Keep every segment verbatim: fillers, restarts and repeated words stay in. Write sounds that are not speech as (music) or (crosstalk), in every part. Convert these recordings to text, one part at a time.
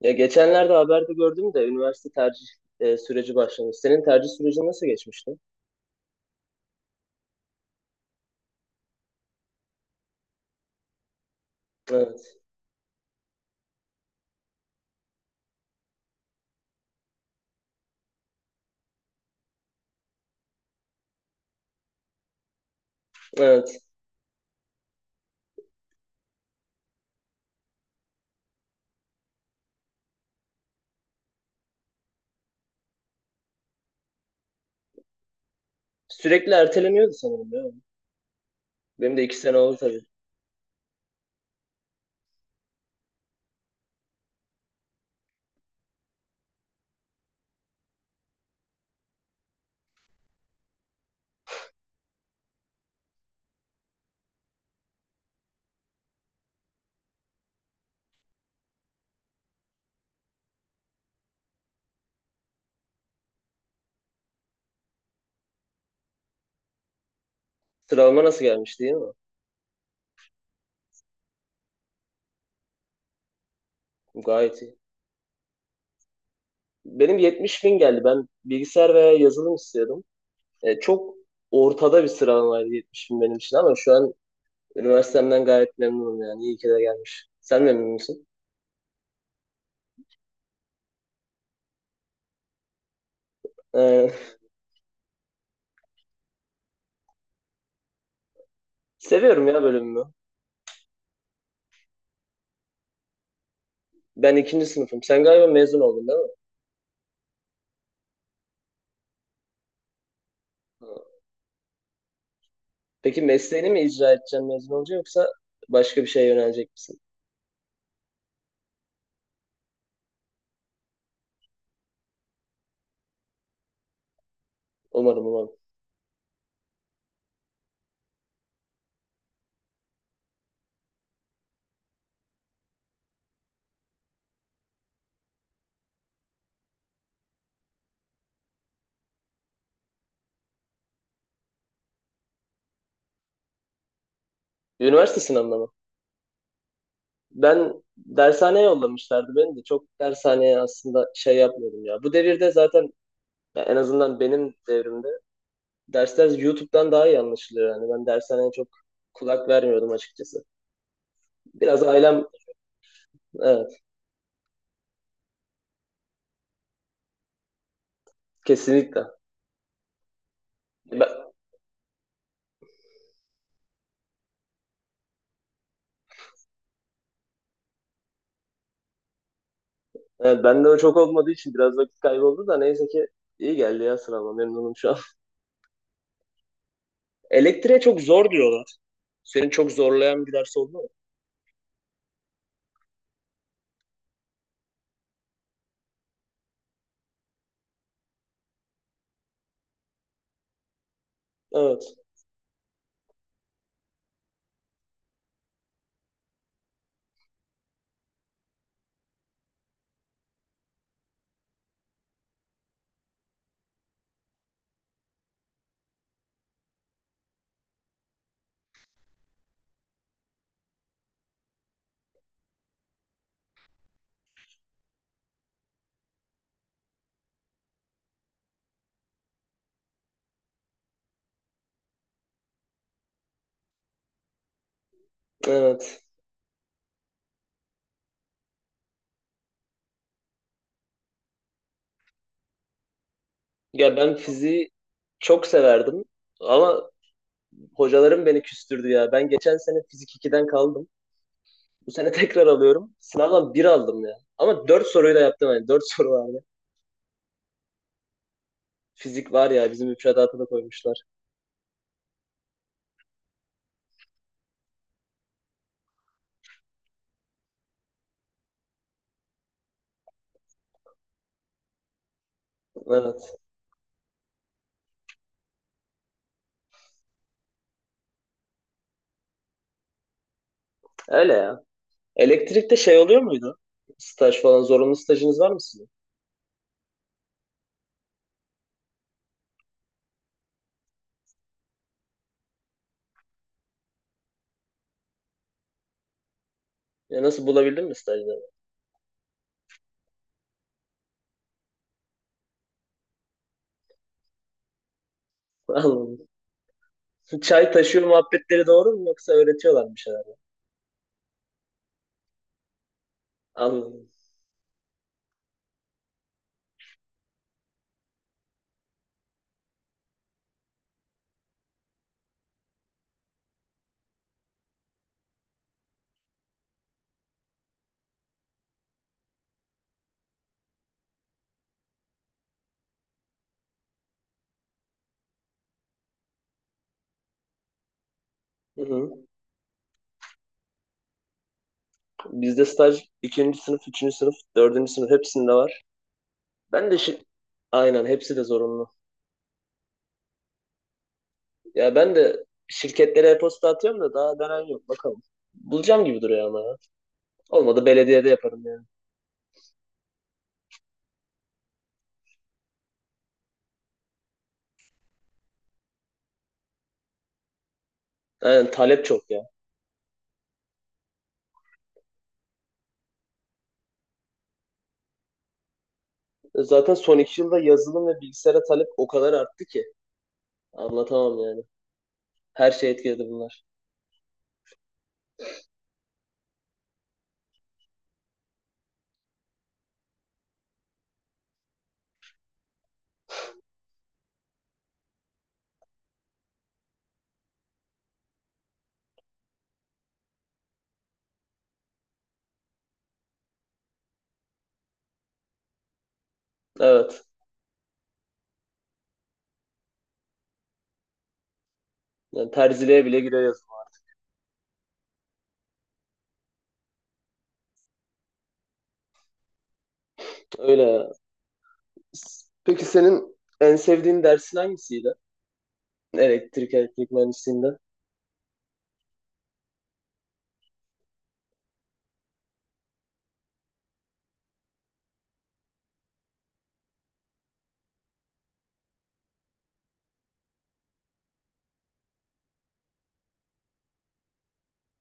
Ya geçenlerde haberde gördüm de üniversite tercih e, süreci başlamış. Senin tercih sürecin nasıl geçmişti? Evet, evet. Sürekli erteleniyordu sanırım ya. Benim de iki sene oldu tabii. Sıralama nasıl gelmiş değil mi? Gayet iyi. Benim yetmiş bin geldi. Ben bilgisayar veya yazılım istiyordum. E, çok ortada bir sıralamaydı yetmiş bin benim için ama şu an üniversitemden gayet memnunum yani. İyi ki de gelmiş. Sen memnun musun? E, Seviyorum ya bölümümü. Ben ikinci sınıfım. Sen galiba mezun oldun değil mi? Peki mesleğini mi icra edeceksin mezun olunca yoksa başka bir şeye yönelecek misin? Umarım umarım. Üniversite sınavına mı? Ben dershaneye yollamışlardı beni de. Çok dershaneye aslında şey yapmıyordum ya. Bu devirde zaten ya en azından benim devrimde dersler YouTube'dan daha iyi anlaşılıyor. Yani ben dershaneye çok kulak vermiyordum açıkçası. Biraz ailem, evet, kesinlikle. Ben, evet, bende o çok olmadığı için biraz vakit kayboldu da neyse ki iyi geldi ya sınavım memnunum şu an. Elektriğe çok zor diyorlar. Seni çok zorlayan bir ders oldu mu? Evet, evet. Ya ben fiziği çok severdim ama hocalarım beni küstürdü ya. Ben geçen sene fizik ikiden kaldım. Bu sene (laughs) tekrar alıyorum. Sınavdan bir aldım ya. Ama dört soruyla yaptım yani. Dört soru vardı. Fizik var ya bizim müfredata da koymuşlar. Evet. Öyle ya. Elektrikte şey oluyor muydu? Staj falan zorunlu stajınız var mı sizin? Ya nasıl bulabildin mi stajları? (laughs) Anladım. Çay taşıyor muhabbetleri doğru mu yoksa öğretiyorlar mı bir şeyler? Anladım. Hı hı. Bizde staj ikinci sınıf, üçüncü sınıf, dördüncü sınıf hepsinde var. Ben de şi- aynen hepsi de zorunlu. Ya ben de şirketlere e-posta atıyorum da daha dönen yok bakalım. Bulacağım gibi duruyor ama ya. Olmadı belediyede yaparım yani. Aynen, talep çok ya. Zaten son iki yılda yazılım ve bilgisayara talep o kadar arttı ki. Anlatamam yani. Her şey etkiledi bunlar. Evet. Yani terziliğe bile giriyor yazılım. Öyle ya. S- Peki senin en sevdiğin dersin hangisiydi? Elektrik, elektrik mühendisliğinde.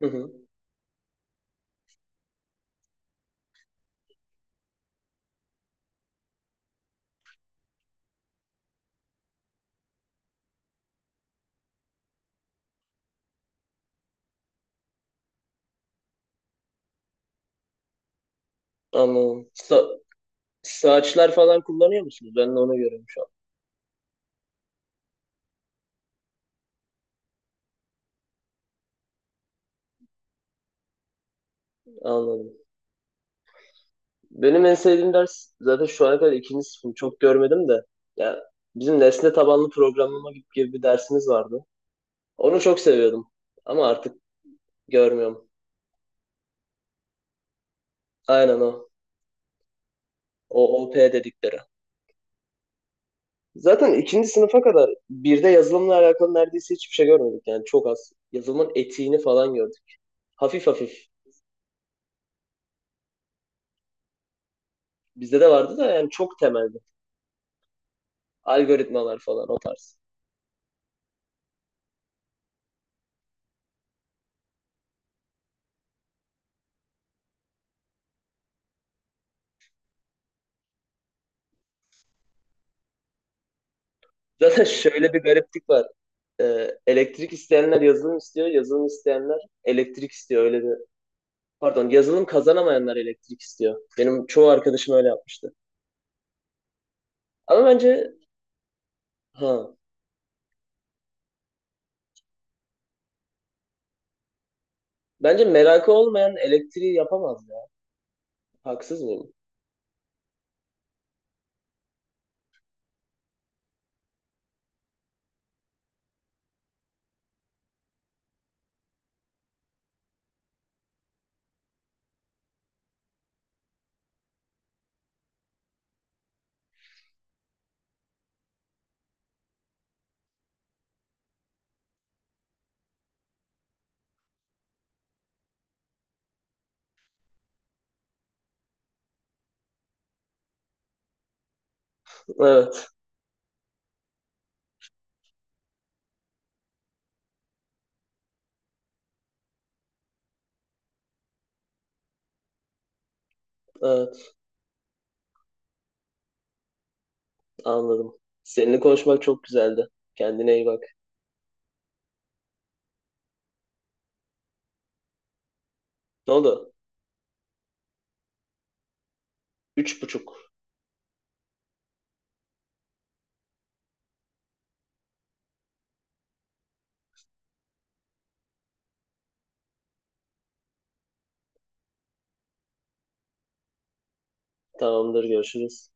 Hı hı. Anladım. Sa saçlar falan kullanıyor musunuz? Ben de onu görüyorum şu an. Anladım. Benim en sevdiğim ders zaten şu ana kadar ikinci sınıfım. Çok görmedim de. Ya bizim nesne tabanlı programlama gibi gibi bir dersimiz vardı. Onu çok seviyordum. Ama artık görmüyorum. Aynen o. O OP dedikleri. Zaten ikinci sınıfa kadar birde yazılımla alakalı neredeyse hiçbir şey görmedik. Yani çok az. Yazılımın etiğini falan gördük. Hafif hafif. Bizde de vardı da yani çok temelde. Algoritmalar falan o tarz. (laughs) Zaten şöyle bir gariplik var. Ee, elektrik isteyenler yazılım istiyor. Yazılım isteyenler elektrik istiyor. Öyle bir... Pardon, yazılım kazanamayanlar elektrik istiyor. Benim çoğu arkadaşım öyle yapmıştı. Ama bence... Ha, bence merakı olmayan elektriği yapamaz ya. Haksız mıyım? Evet, evet. Anladım. Seninle konuşmak çok güzeldi. Kendine iyi bak. Ne oldu? Üç buçuk. Tamamdır, görüşürüz.